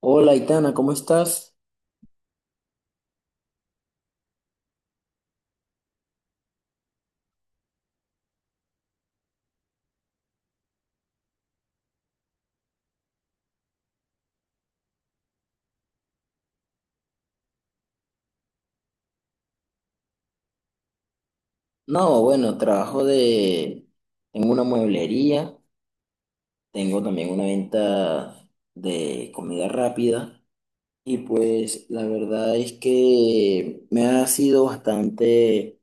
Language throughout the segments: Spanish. Hola, Itana, ¿cómo estás? No, bueno, trabajo de... Tengo una mueblería, tengo también una venta de comida rápida y pues la verdad es que me ha sido bastante,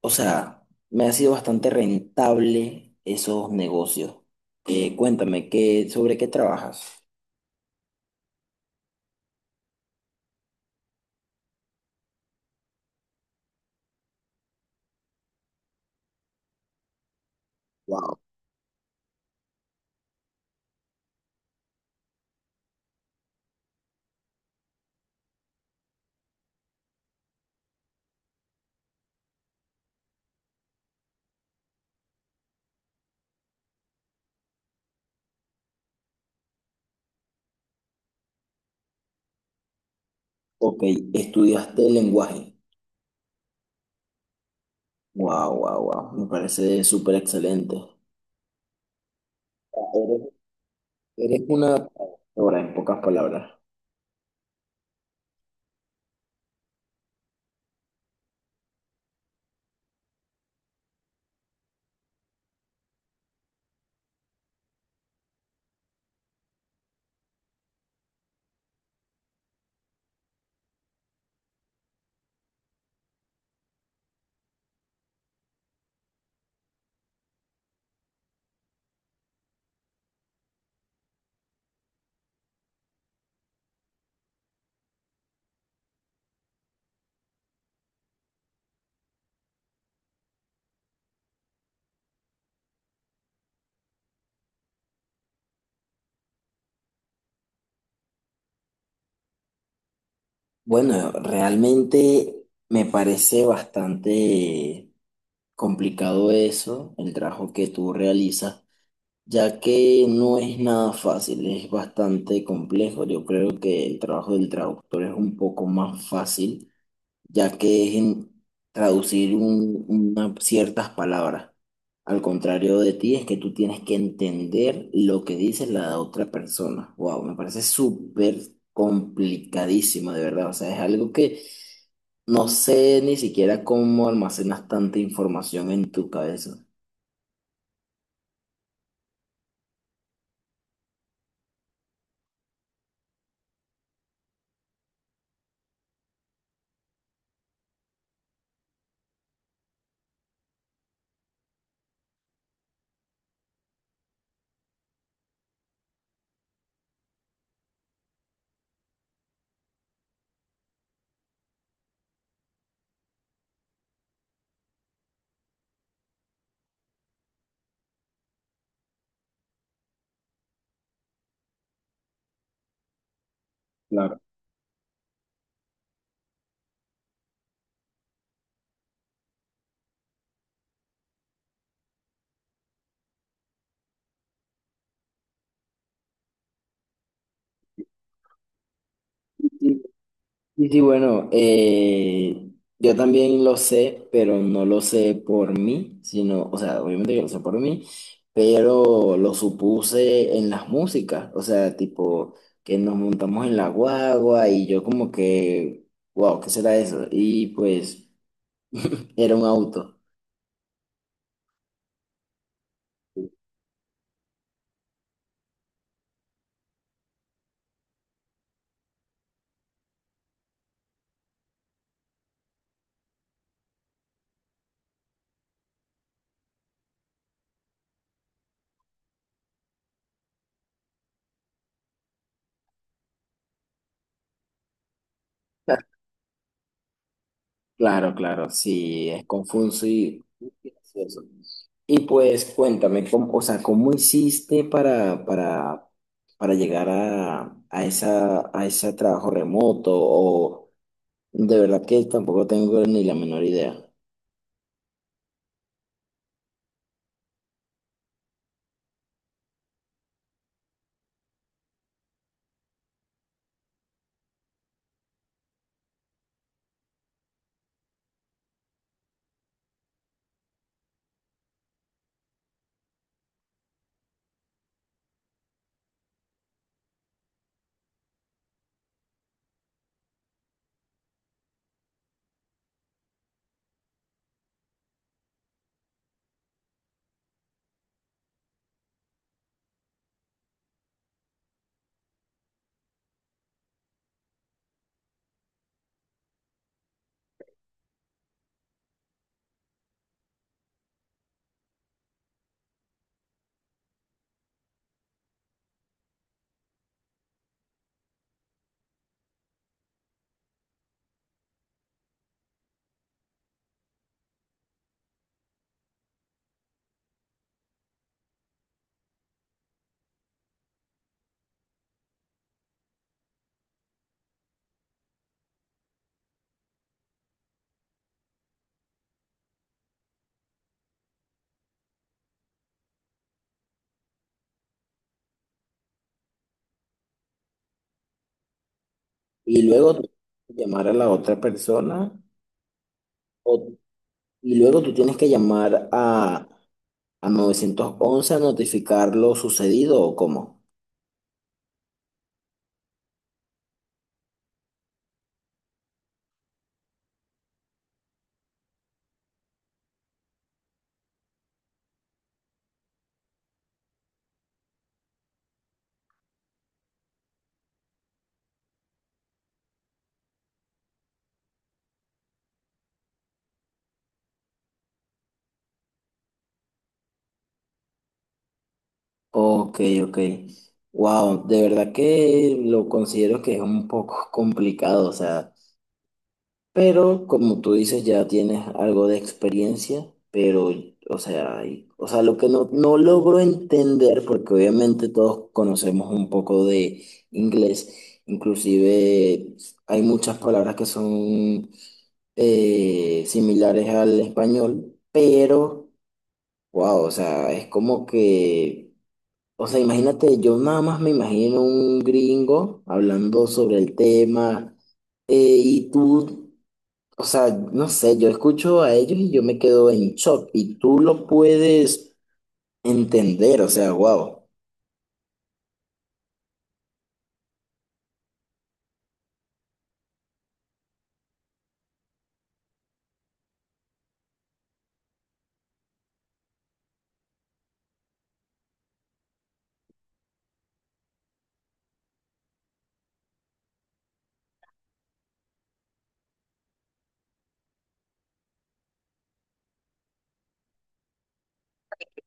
o sea, me ha sido bastante rentable esos negocios. Cuéntame, ¿sobre qué trabajas? Wow, ok, estudiaste lenguaje. Wow, wow, wow, me parece súper excelente. Eres una ahora en pocas palabras. Bueno, realmente me parece bastante complicado eso, el trabajo que tú realizas, ya que no es nada fácil, es bastante complejo. Yo creo que el trabajo del traductor es un poco más fácil, ya que es en traducir ciertas palabras. Al contrario de ti, es que tú tienes que entender lo que dice la otra persona. Wow, me parece súper complicadísimo, de verdad. O sea, es algo que no sé ni siquiera cómo almacenas tanta información en tu cabeza. Claro. Sí, sí, bueno, yo también lo sé, pero no lo sé por mí, sino, o sea, obviamente que lo sé por mí, pero lo supuse en las músicas, o sea, tipo que nos montamos en la guagua y yo como que, wow, ¿qué será eso? Y pues era un auto. Claro, claro, sí, es confuso y gracioso. Y pues cuéntame, ¿cómo, o sea, cómo hiciste para llegar a esa, a ese trabajo remoto? O de verdad que tampoco tengo ni la menor idea. Y luego tú tienes que llamar a la otra persona, o- y luego tú tienes que llamar a 911 a notificar lo sucedido, ¿o cómo? Ok, ok. Wow, de verdad que lo considero que es un poco complicado, o sea, pero como tú dices, ya tienes algo de experiencia, pero, o sea, o sea, lo que no logro entender, porque obviamente todos conocemos un poco de inglés, inclusive hay muchas palabras que son similares al español, pero, wow, o sea, es como que... O sea, imagínate, yo nada más me imagino un gringo hablando sobre el tema eh, y tú, o sea, no sé, yo escucho a ellos y yo me quedo en shock y tú lo puedes entender, o sea, wow.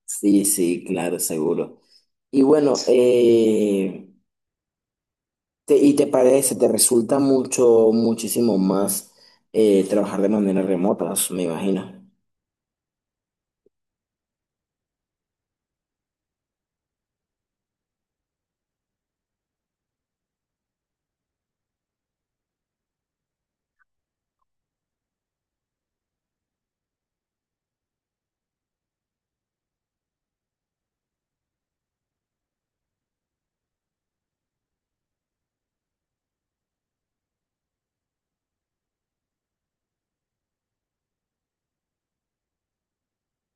Sí, sí, claro, seguro. Y bueno, ¿y te parece, te resulta mucho, muchísimo más trabajar de manera remota, me imagino?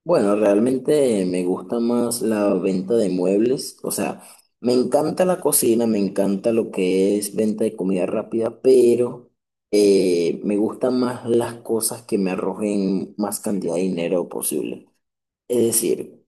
Bueno, realmente me gusta más la venta de muebles, o sea, me encanta la cocina, me encanta lo que es venta de comida rápida, pero me gustan más las cosas que me arrojen más cantidad de dinero posible. Es decir,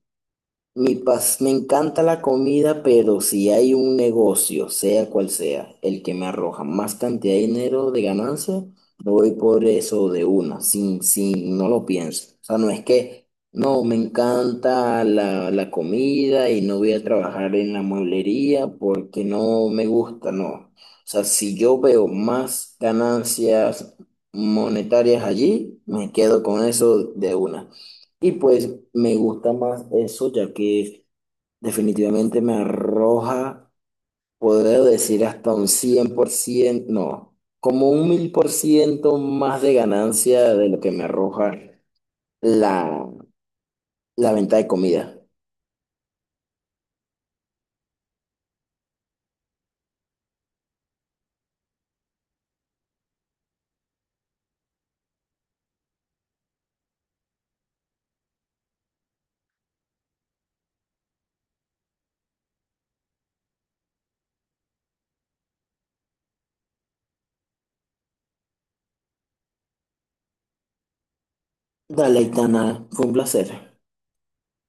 mi pas, me encanta la comida, pero si hay un negocio, sea cual sea, el que me arroja más cantidad de dinero de ganancia, me voy por eso de una, sin, sin, no lo pienso. O sea, no es que, no, me encanta la, la comida y no voy a trabajar en la mueblería porque no me gusta, no. O sea, si yo veo más ganancias monetarias allí, me quedo con eso de una. Y pues me gusta más eso, ya que definitivamente me arroja, podría decir hasta un 100% no, como un 1000% más de ganancia de lo que me arroja la, la venta de comida. Dale, Itana, fue un placer.